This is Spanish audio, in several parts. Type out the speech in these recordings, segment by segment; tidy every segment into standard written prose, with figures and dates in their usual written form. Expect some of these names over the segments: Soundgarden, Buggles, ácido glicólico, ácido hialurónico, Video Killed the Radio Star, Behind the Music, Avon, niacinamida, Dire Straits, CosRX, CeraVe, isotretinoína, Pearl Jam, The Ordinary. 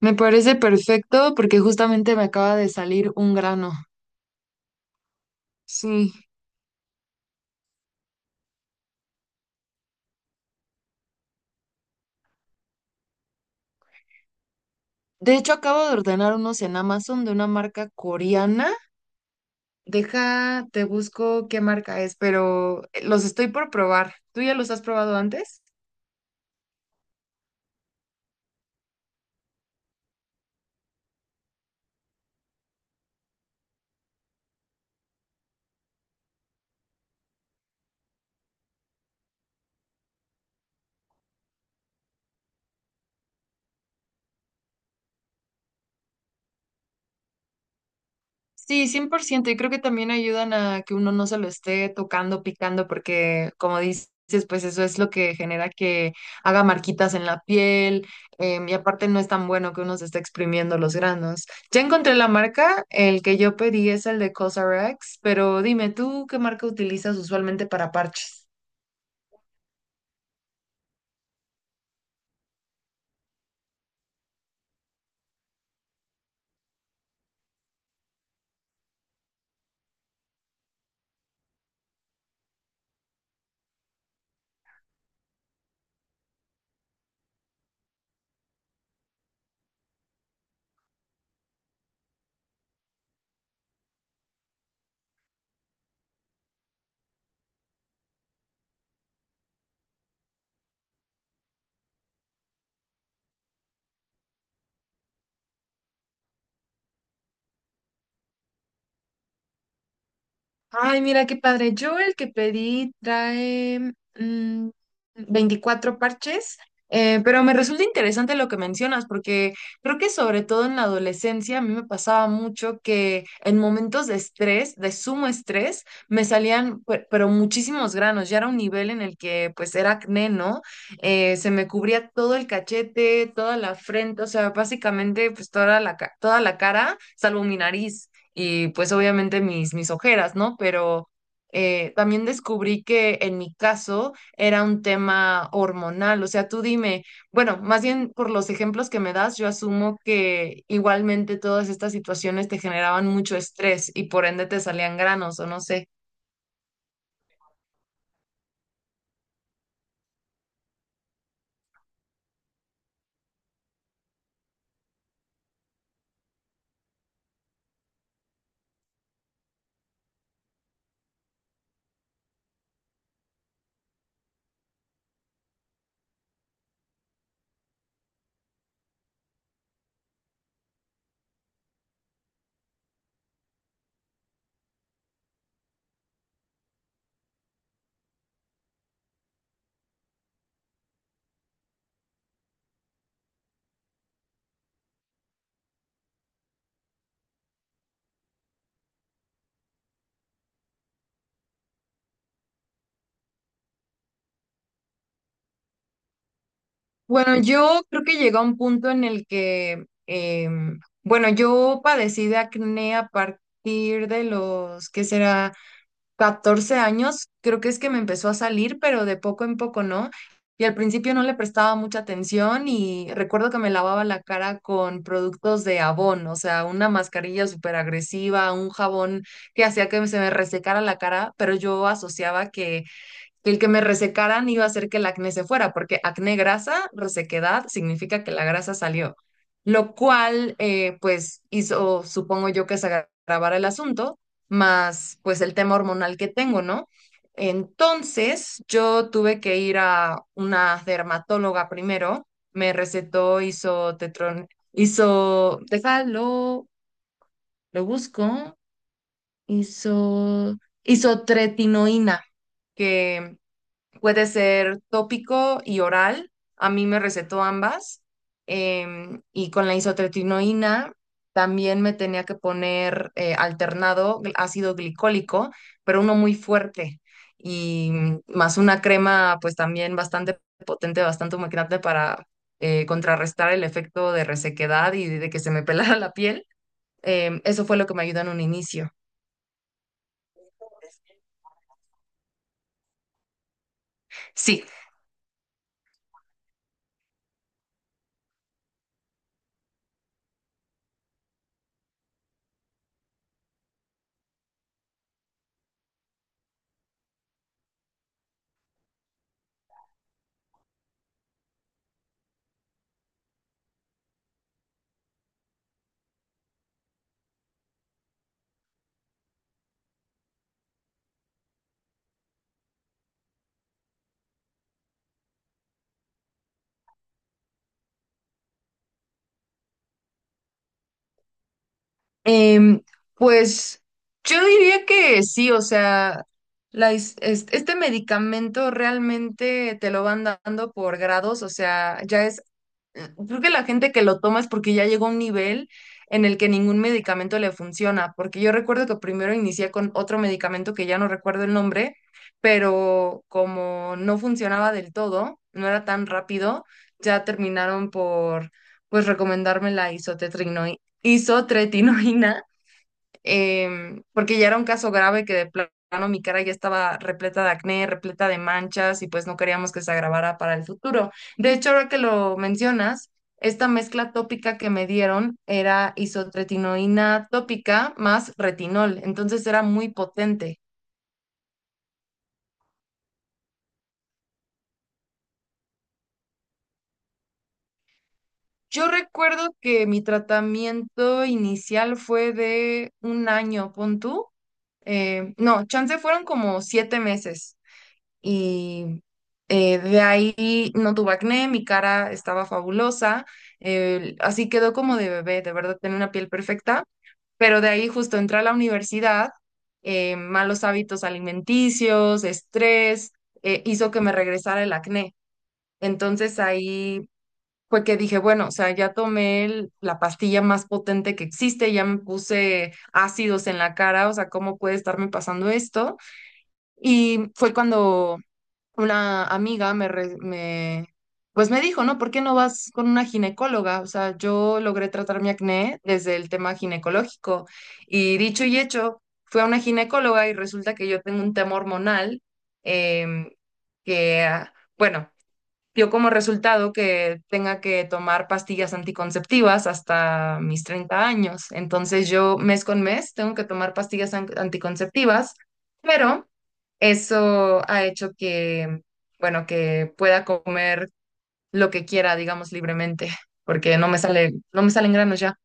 Me parece perfecto porque justamente me acaba de salir un grano. Sí. De hecho, acabo de ordenar unos en Amazon de una marca coreana. Deja, te busco qué marca es, pero los estoy por probar. ¿Tú ya los has probado antes? Sí, 100%. Y creo que también ayudan a que uno no se lo esté tocando, picando, porque como dices, pues eso es lo que genera que haga marquitas en la piel. Y aparte no es tan bueno que uno se esté exprimiendo los granos. Ya encontré la marca, el que yo pedí es el de CosRX, pero dime tú, ¿qué marca utilizas usualmente para parches? Ay, mira qué padre. Yo el que pedí trae mm, 24 parches, pero me resulta interesante lo que mencionas, porque creo que sobre todo en la adolescencia a mí me pasaba mucho que en momentos de estrés, de sumo estrés, me salían pero muchísimos granos. Ya era un nivel en el que pues era acné, ¿no? Se me cubría todo el cachete, toda la frente, o sea, básicamente pues toda la cara, salvo mi nariz y pues obviamente mis ojeras, ¿no? Pero también descubrí que en mi caso era un tema hormonal, o sea, tú dime, bueno, más bien por los ejemplos que me das, yo asumo que igualmente todas estas situaciones te generaban mucho estrés y por ende te salían granos o no sé. Bueno, yo creo que llegó a un punto en el que, bueno, yo padecí de acné a partir de los, ¿qué será? 14 años, creo que es que me empezó a salir, pero de poco en poco, ¿no? Y al principio no le prestaba mucha atención y recuerdo que me lavaba la cara con productos de Avon, o sea, una mascarilla súper agresiva, un jabón que hacía que se me resecara la cara, pero yo asociaba que el que me resecaran iba a hacer que el acné se fuera, porque acné grasa, resequedad, significa que la grasa salió, lo cual pues hizo, supongo yo, que se agravara el asunto, más pues el tema hormonal que tengo, ¿no? Entonces yo tuve que ir a una dermatóloga primero, me recetó isotetron, hizo, déjalo, lo busco, hizo, isotretinoína, que puede ser tópico y oral. A mí me recetó ambas. Y con la isotretinoína también me tenía que poner alternado ácido glicólico, pero uno muy fuerte. Y más una crema, pues también bastante potente, bastante humectante para contrarrestar el efecto de resequedad y de que se me pelara la piel. Em, eso fue lo que me ayudó en un inicio. Sí. Em, pues yo diría que sí, o sea, este medicamento realmente te lo van dando por grados, o sea, ya es, creo que la gente que lo toma es porque ya llegó a un nivel en el que ningún medicamento le funciona, porque yo recuerdo que primero inicié con otro medicamento que ya no recuerdo el nombre, pero como no funcionaba del todo, no era tan rápido, ya terminaron por, pues, recomendarme la isotretinoína. Porque ya era un caso grave que de plano mi cara ya estaba repleta de acné, repleta de manchas y pues no queríamos que se agravara para el futuro. De hecho, ahora que lo mencionas, esta mezcla tópica que me dieron era isotretinoína tópica más retinol, entonces era muy potente. Yo recuerdo que mi tratamiento inicial fue de un año, pon tú. No, chance fueron como 7 meses y de ahí no tuve acné, mi cara estaba fabulosa, así quedó como de bebé, de verdad tenía una piel perfecta, pero de ahí justo entré a la universidad, malos hábitos alimenticios, estrés, hizo que me regresara el acné. Entonces ahí fue que dije, bueno, o sea, ya tomé la pastilla más potente que existe, ya me puse ácidos en la cara, o sea, ¿cómo puede estarme pasando esto? Y fue cuando una amiga pues me dijo, ¿no? ¿Por qué no vas con una ginecóloga? O sea, yo logré tratar mi acné desde el tema ginecológico y dicho y hecho, fui a una ginecóloga y resulta que yo tengo un tema hormonal, em, que, ah, bueno, dio como resultado que tenga que tomar pastillas anticonceptivas hasta mis 30 años. Entonces yo mes con mes tengo que tomar pastillas anticonceptivas, pero eso ha hecho que, bueno, que pueda comer lo que quiera, digamos, libremente, porque no me salen granos ya.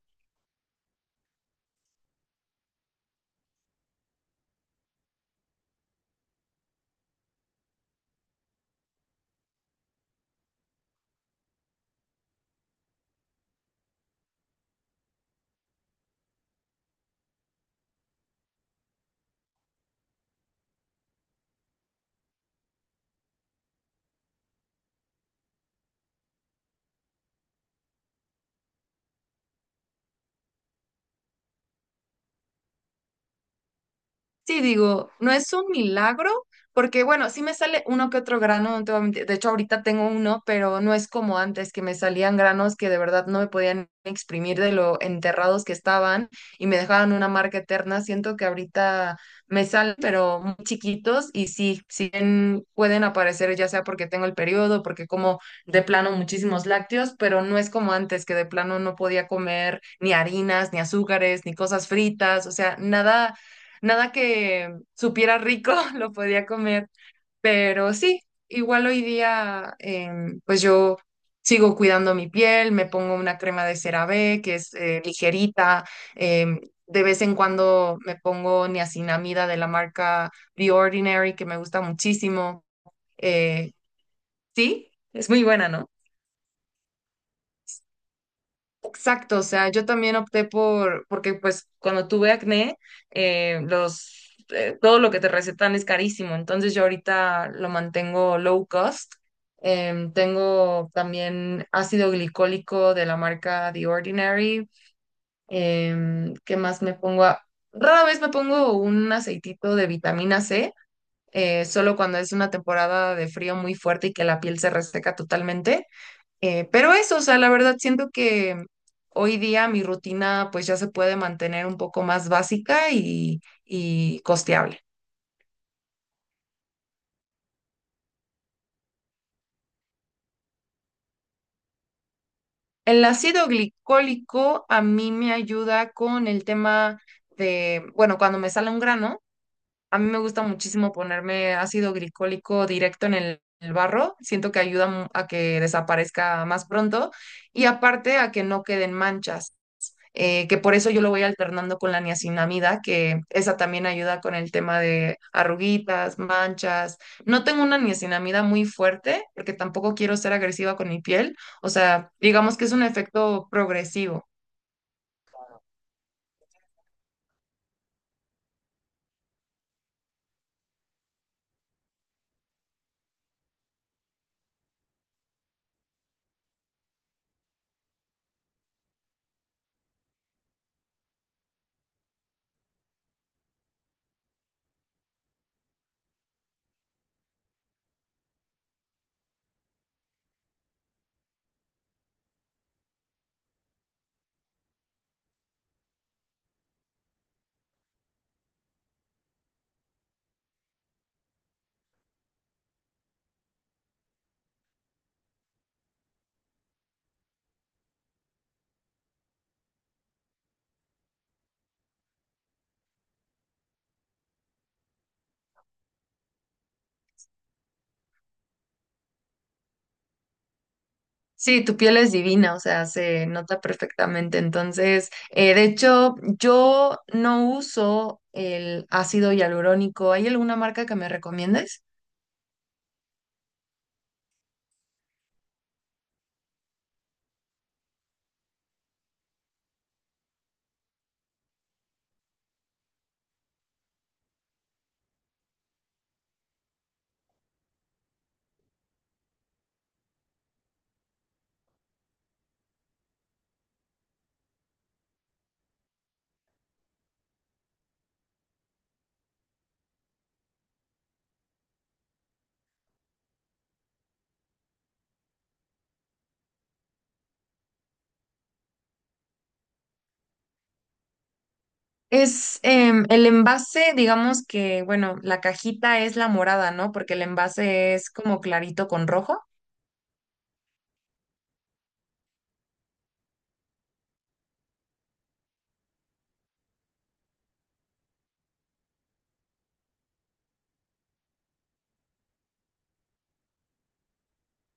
Sí, digo, no es un milagro, porque bueno, sí me sale uno que otro grano, no te voy a mentir. De hecho, ahorita tengo uno, pero no es como antes, que me salían granos que de verdad no me podían exprimir de lo enterrados que estaban y me dejaban una marca eterna. Siento que ahorita me salen, pero muy chiquitos y sí, sí pueden aparecer, ya sea porque tengo el periodo, porque como de plano muchísimos lácteos, pero no es como antes, que de plano no podía comer ni harinas, ni azúcares, ni cosas fritas, o sea, nada que supiera rico lo podía comer, pero sí, igual hoy día pues yo sigo cuidando mi piel, me pongo una crema de CeraVe que es ligerita, em, de vez en cuando me pongo niacinamida de la marca The Ordinary que me gusta muchísimo. eh, sí, es muy buena, ¿no? Exacto, o sea, yo también opté por, porque pues cuando tuve acné, todo lo que te recetan es carísimo, entonces yo ahorita lo mantengo low cost. Em, tengo también ácido glicólico de la marca The Ordinary. Em, ¿qué más me pongo? Rara vez me pongo un aceitito de vitamina C, solo cuando es una temporada de frío muy fuerte y que la piel se reseca totalmente. Pero eso, o sea, la verdad siento que hoy día mi rutina pues ya se puede mantener un poco más básica y costeable. El ácido glicólico a mí me ayuda con el tema de, bueno, cuando me sale un grano, a mí me gusta muchísimo ponerme ácido glicólico directo el barro, siento que ayuda a que desaparezca más pronto y aparte a que no queden manchas. Que por eso yo lo voy alternando con la niacinamida, que esa también ayuda con el tema de arruguitas, manchas. No tengo una niacinamida muy fuerte porque tampoco quiero ser agresiva con mi piel, o sea, digamos que es un efecto progresivo. Sí, tu piel es divina, o sea, se nota perfectamente. Entonces, de hecho, yo no uso el ácido hialurónico. ¿Hay alguna marca que me recomiendes? Es el envase, digamos que, bueno, la cajita es la morada, ¿no? Porque el envase es como clarito con rojo.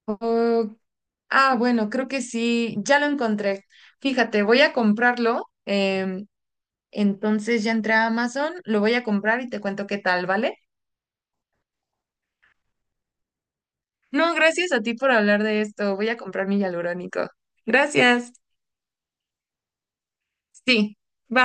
Oh, ah, bueno, creo que sí, ya lo encontré. Fíjate, voy a comprarlo. Entonces ya entré a Amazon, lo voy a comprar y te cuento qué tal, ¿vale? No, gracias a ti por hablar de esto. Voy a comprar mi hialurónico. Gracias. Sí, bye.